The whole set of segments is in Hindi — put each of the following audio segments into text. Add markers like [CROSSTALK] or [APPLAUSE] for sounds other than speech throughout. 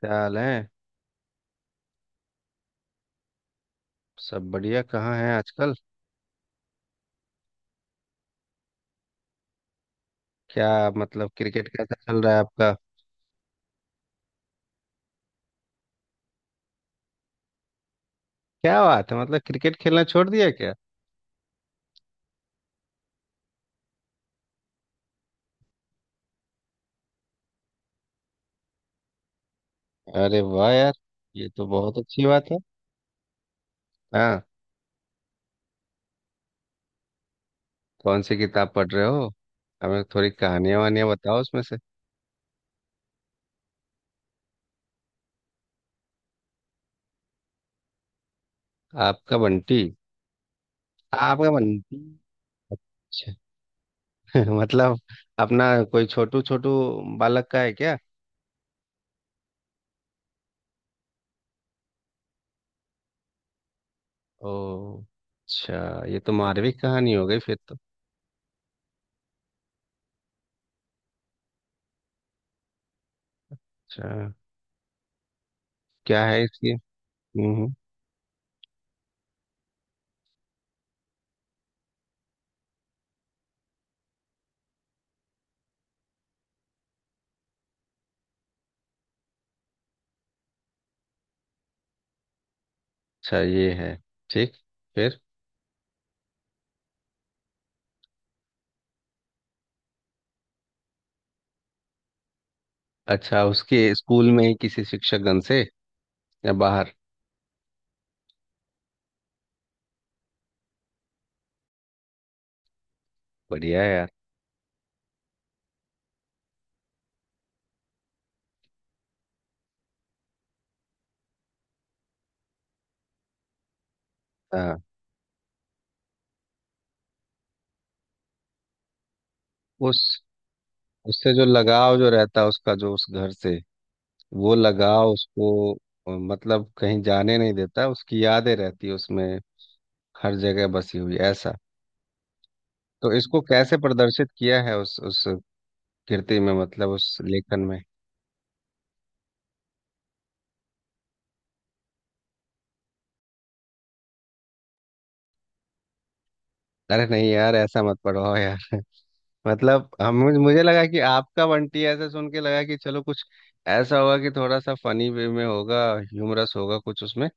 क्या हाल है? सब बढ़िया। कहाँ है आजकल? क्या? मतलब क्रिकेट कैसा चल रहा है आपका? क्या बात है, मतलब क्रिकेट खेलना छोड़ दिया क्या? अरे वाह यार। ये तो बहुत अच्छी बात है। हाँ। कौन सी किताब पढ़ रहे हो? हमें थोड़ी कहानियां वानियां बताओ उसमें से। आपका बंटी। आपका बंटी। अच्छा। [LAUGHS] मतलब अपना कोई छोटू छोटू बालक का है क्या? ओ। अच्छा, ये तो मारविक कहानी हो गई फिर तो। अच्छा। क्या है इसकी? हम्म, हम्म। अच्छा, ये है। ठीक। फिर? अच्छा, उसके स्कूल में ही किसी शिक्षकगण से, या बाहर? बढ़िया है यार। हाँ। उस उससे जो लगाव जो रहता है उसका जो उस घर से, वो लगाव उसको, मतलब कहीं जाने नहीं देता, उसकी यादें रहती है उसमें, हर जगह बसी हुई ऐसा। तो इसको कैसे प्रदर्शित किया है उस कृति में, मतलब उस लेखन में? अरे नहीं यार, ऐसा मत पढ़वाओ यार। मतलब हम, मुझे लगा कि आपका बंटी ऐसा सुन के लगा कि चलो कुछ ऐसा होगा कि थोड़ा सा फनी वे में होगा, ह्यूमरस होगा कुछ उसमें।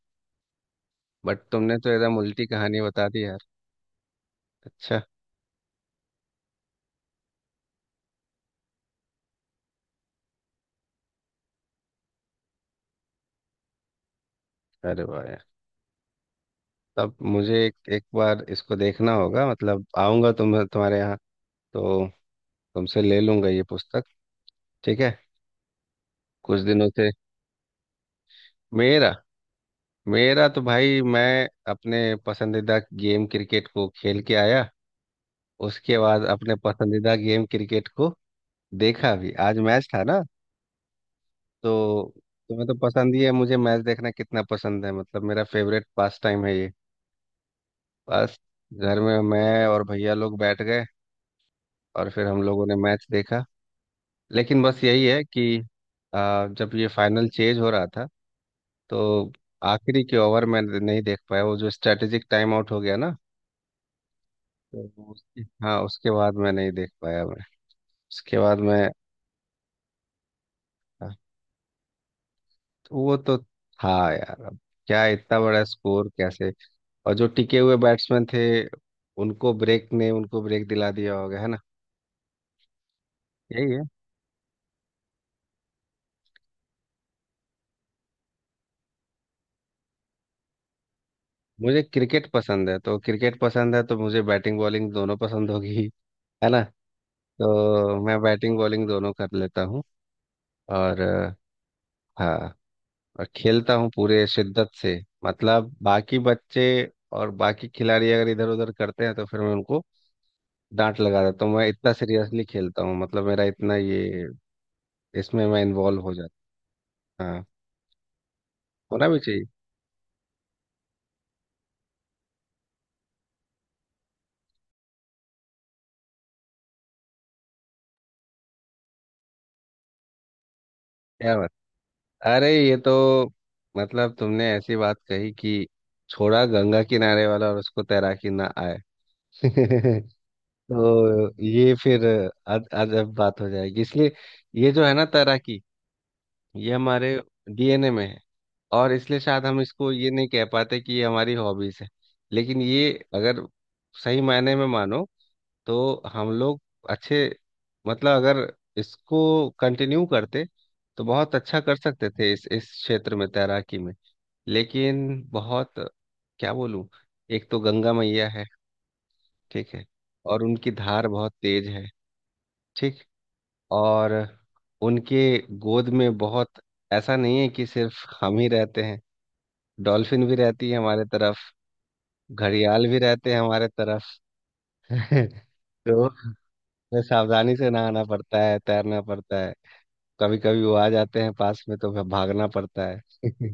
बट तुमने तो एकदम उल्टी कहानी बता दी यार। अच्छा। अरे वाह यार। तब मुझे एक बार इसको देखना होगा, मतलब आऊंगा तुम्हारे यहाँ। तो तुमसे ले लूंगा ये पुस्तक। ठीक है। कुछ दिनों से। मेरा मेरा तो भाई, मैं अपने पसंदीदा गेम क्रिकेट को खेल के आया। उसके बाद अपने पसंदीदा गेम क्रिकेट को देखा भी, आज मैच था ना। तो तुम्हें तो पसंद ही है, मुझे मैच देखना कितना पसंद है, मतलब मेरा फेवरेट पास टाइम है ये। बस, घर में मैं और भैया लोग बैठ गए, और फिर हम लोगों ने मैच देखा। लेकिन बस यही है कि जब ये फाइनल चेज हो रहा था, तो आखिरी के ओवर में नहीं देख पाया, वो जो स्ट्रेटेजिक टाइम आउट हो गया ना। तो उसके हाँ, उसके बाद मैं नहीं देख पाया मैं उसके बाद मैं। हाँ। तो वो तो था यार, अब क्या इतना बड़ा स्कोर कैसे? और जो टिके हुए बैट्समैन थे, उनको ब्रेक ने उनको ब्रेक दिला दिया होगा, है ना? यही है। मुझे क्रिकेट पसंद है, तो क्रिकेट पसंद है तो मुझे बैटिंग बॉलिंग दोनों पसंद होगी। [LAUGHS] है ना? तो मैं बैटिंग बॉलिंग दोनों कर लेता हूँ। और हाँ, और खेलता हूँ पूरे शिद्दत से। मतलब बाकी बच्चे और बाकी खिलाड़ी अगर इधर उधर करते हैं, तो फिर मैं उनको डांट लगा देता हूँ। मैं इतना सीरियसली खेलता हूँ, मतलब मेरा इतना ये, इसमें मैं इन्वॉल्व हो जाता हूँ। हाँ। होना भी चाहिए। क्या? अरे, ये तो, मतलब तुमने ऐसी बात कही कि छोड़ा गंगा किनारे वाला और उसको तैराकी ना आए! [LAUGHS] तो ये फिर अज अजब बात हो जाएगी, इसलिए ये जो है ना, तैराकी, ये हमारे डीएनए में है। और इसलिए शायद हम इसको ये नहीं कह पाते कि ये हमारी हॉबीज है। लेकिन ये अगर सही मायने में मानो, तो हम लोग अच्छे, मतलब अगर इसको कंटिन्यू करते तो बहुत अच्छा कर सकते थे इस क्षेत्र में, तैराकी में। लेकिन बहुत, क्या बोलूं, एक तो गंगा मैया है। ठीक है। और उनकी धार बहुत तेज है। ठीक। और उनके गोद में बहुत, ऐसा नहीं है कि सिर्फ हम ही रहते हैं। डॉल्फिन भी रहती है हमारे तरफ। घड़ियाल भी रहते हैं हमारे तरफ। [LAUGHS] तो हमें सावधानी से नहाना पड़ता है, तैरना पड़ता है। कभी कभी वो आ जाते हैं पास में, तो फिर भागना पड़ता है। [LAUGHS] अच्छा,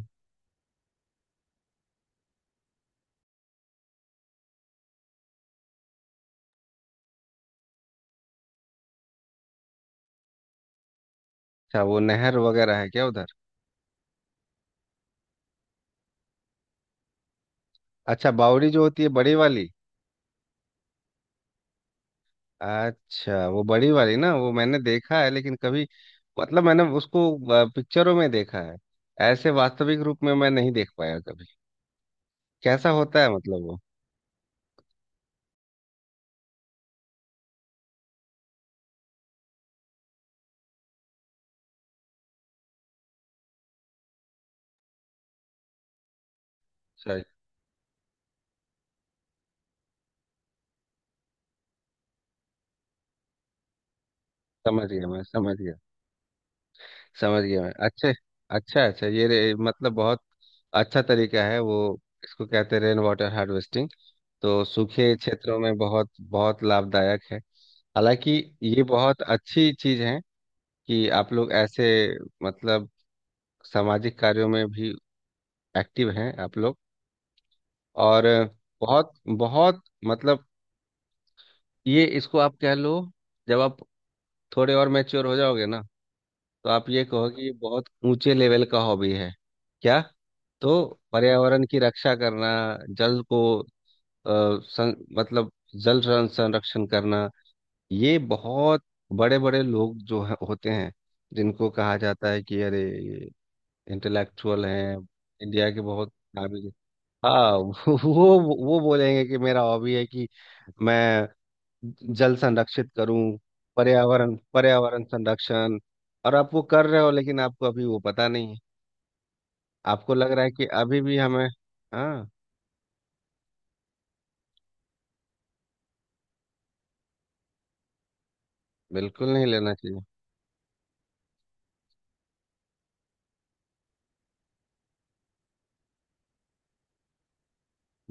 वो नहर वगैरह है क्या उधर? अच्छा, बावड़ी जो होती है बड़ी वाली। अच्छा, वो बड़ी वाली ना, वो मैंने देखा है लेकिन कभी, मतलब मैंने उसको पिक्चरों में देखा है। ऐसे वास्तविक रूप में मैं नहीं देख पाया कभी, कैसा होता है मतलब वो? सही। समझ गया मैं, समझ गया। समझ गया मैं, अच्छे। अच्छा अच्छा, ये रे, मतलब बहुत अच्छा तरीका है, वो इसको कहते हैं रेन वाटर हार्वेस्टिंग। तो सूखे क्षेत्रों में बहुत बहुत लाभदायक है। हालांकि ये बहुत अच्छी चीज है कि आप लोग ऐसे, मतलब, सामाजिक कार्यों में भी एक्टिव हैं आप लोग। और बहुत बहुत, मतलब ये, इसको आप कह लो, जब आप थोड़े और मैच्योर हो जाओगे ना, तो आप ये कहो कि ये बहुत ऊंचे लेवल का हॉबी है। क्या? तो पर्यावरण की रक्षा करना, जल को, अ, मतलब जल संरक्षण करना, ये बहुत बड़े बड़े लोग जो होते हैं, जिनको कहा जाता है कि अरे, इंटेलेक्चुअल हैं, इंडिया के बहुत नामी। हाँ, वो वो बोलेंगे कि मेरा हॉबी है कि मैं जल संरक्षित करूं। पर्यावरण पर्यावरण संरक्षण। और आप वो कर रहे हो, लेकिन आपको अभी वो पता नहीं है। आपको लग रहा है कि अभी भी हमें। हाँ। बिल्कुल नहीं लेना चाहिए।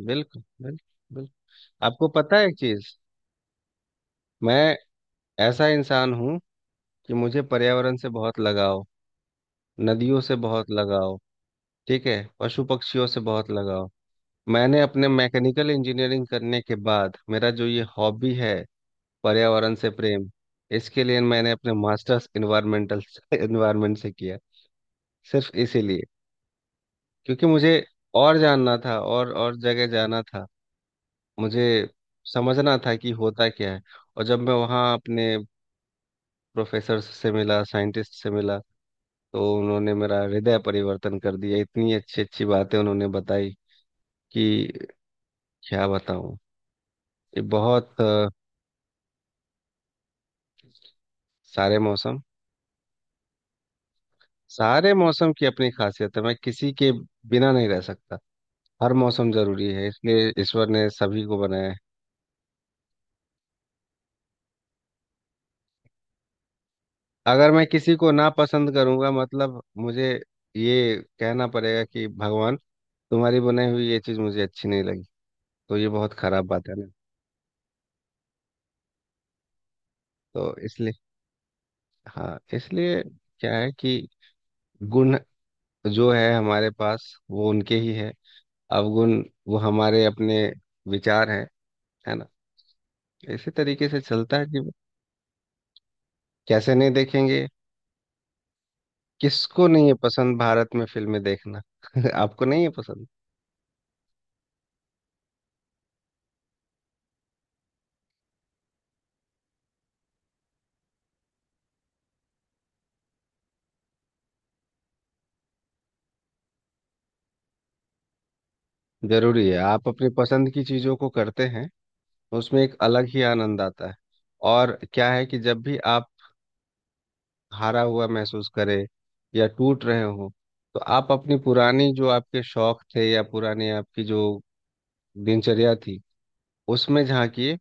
बिल्कुल, बिल्कुल, बिल्कुल। आपको पता है एक चीज? मैं ऐसा इंसान हूँ कि मुझे पर्यावरण से बहुत लगाव, नदियों से बहुत लगाव। ठीक है। पशु पक्षियों से बहुत लगाव। मैंने अपने मैकेनिकल इंजीनियरिंग करने के बाद, मेरा जो ये हॉबी है, पर्यावरण से प्रेम, इसके लिए मैंने अपने मास्टर्स इन्वायरमेंट [LAUGHS] से किया, सिर्फ इसीलिए, क्योंकि मुझे और जानना था और जगह जाना था। मुझे समझना था कि होता क्या है। और जब मैं वहाँ अपने प्रोफेसर से मिला, साइंटिस्ट से मिला, तो उन्होंने मेरा हृदय परिवर्तन कर दिया। इतनी अच्छी अच्छी बातें उन्होंने बताई कि क्या बताऊँ! ये बहुत सारे मौसम। सारे मौसम की अपनी खासियत है, मैं किसी के बिना नहीं रह सकता। हर मौसम जरूरी है, इसलिए ईश्वर ने सभी को बनाया है। अगर मैं किसी को ना पसंद करूंगा, मतलब मुझे ये कहना पड़ेगा कि भगवान, तुम्हारी बनाई हुई ये चीज मुझे अच्छी नहीं लगी। तो ये बहुत खराब बात है ना। तो इसलिए, हाँ, इसलिए क्या है कि गुण जो है हमारे पास, वो उनके ही है। अवगुण वो हमारे अपने विचार हैं, है ना? इसी तरीके से चलता है जीवन। कैसे नहीं देखेंगे! किसको नहीं है पसंद भारत में फिल्में देखना? [LAUGHS] आपको नहीं है पसंद? जरूरी है, आप अपनी पसंद की चीजों को करते हैं, उसमें एक अलग ही आनंद आता है। और क्या है कि जब भी आप हारा हुआ महसूस करें या टूट रहे हो, तो आप अपनी पुरानी, जो आपके शौक थे या पुरानी आपकी जो दिनचर्या थी, उसमें झांकिए।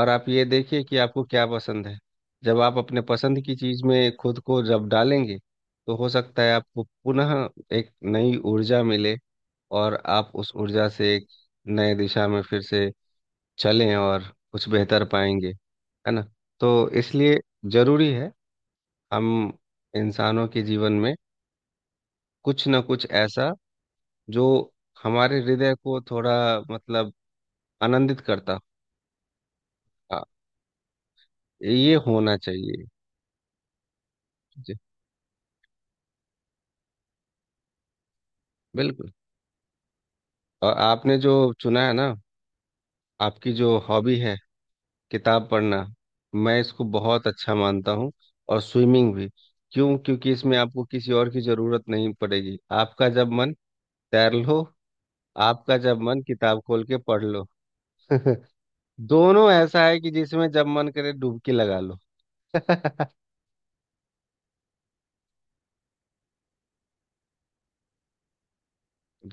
और आप ये देखिए कि आपको क्या पसंद है। जब आप अपने पसंद की चीज में खुद को जब डालेंगे, तो हो सकता है आपको पुनः एक नई ऊर्जा मिले, और आप उस ऊर्जा से एक नए दिशा में फिर से चलें और कुछ बेहतर पाएंगे, है ना? तो इसलिए जरूरी है हम इंसानों के जीवन में कुछ ना कुछ ऐसा जो हमारे हृदय को थोड़ा, मतलब, आनंदित करता हो। आ, ये होना चाहिए। जी, बिल्कुल। और आपने जो चुना है ना, आपकी जो हॉबी है, किताब पढ़ना, मैं इसको बहुत अच्छा मानता हूँ। और स्विमिंग भी। क्यों? क्योंकि इसमें आपको किसी और की जरूरत नहीं पड़ेगी, आपका जब मन, तैर लो। आपका जब मन, किताब खोल के पढ़ लो। [LAUGHS] दोनों ऐसा है कि जिसमें जब मन करे, डुबकी लगा लो। [LAUGHS]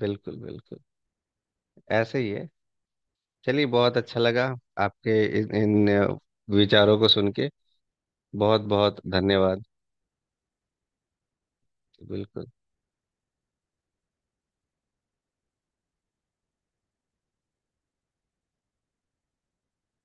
बिल्कुल, बिल्कुल। ऐसे ही है। चलिए, बहुत अच्छा लगा आपके इन, इन विचारों को सुन के। बहुत बहुत धन्यवाद। बिल्कुल।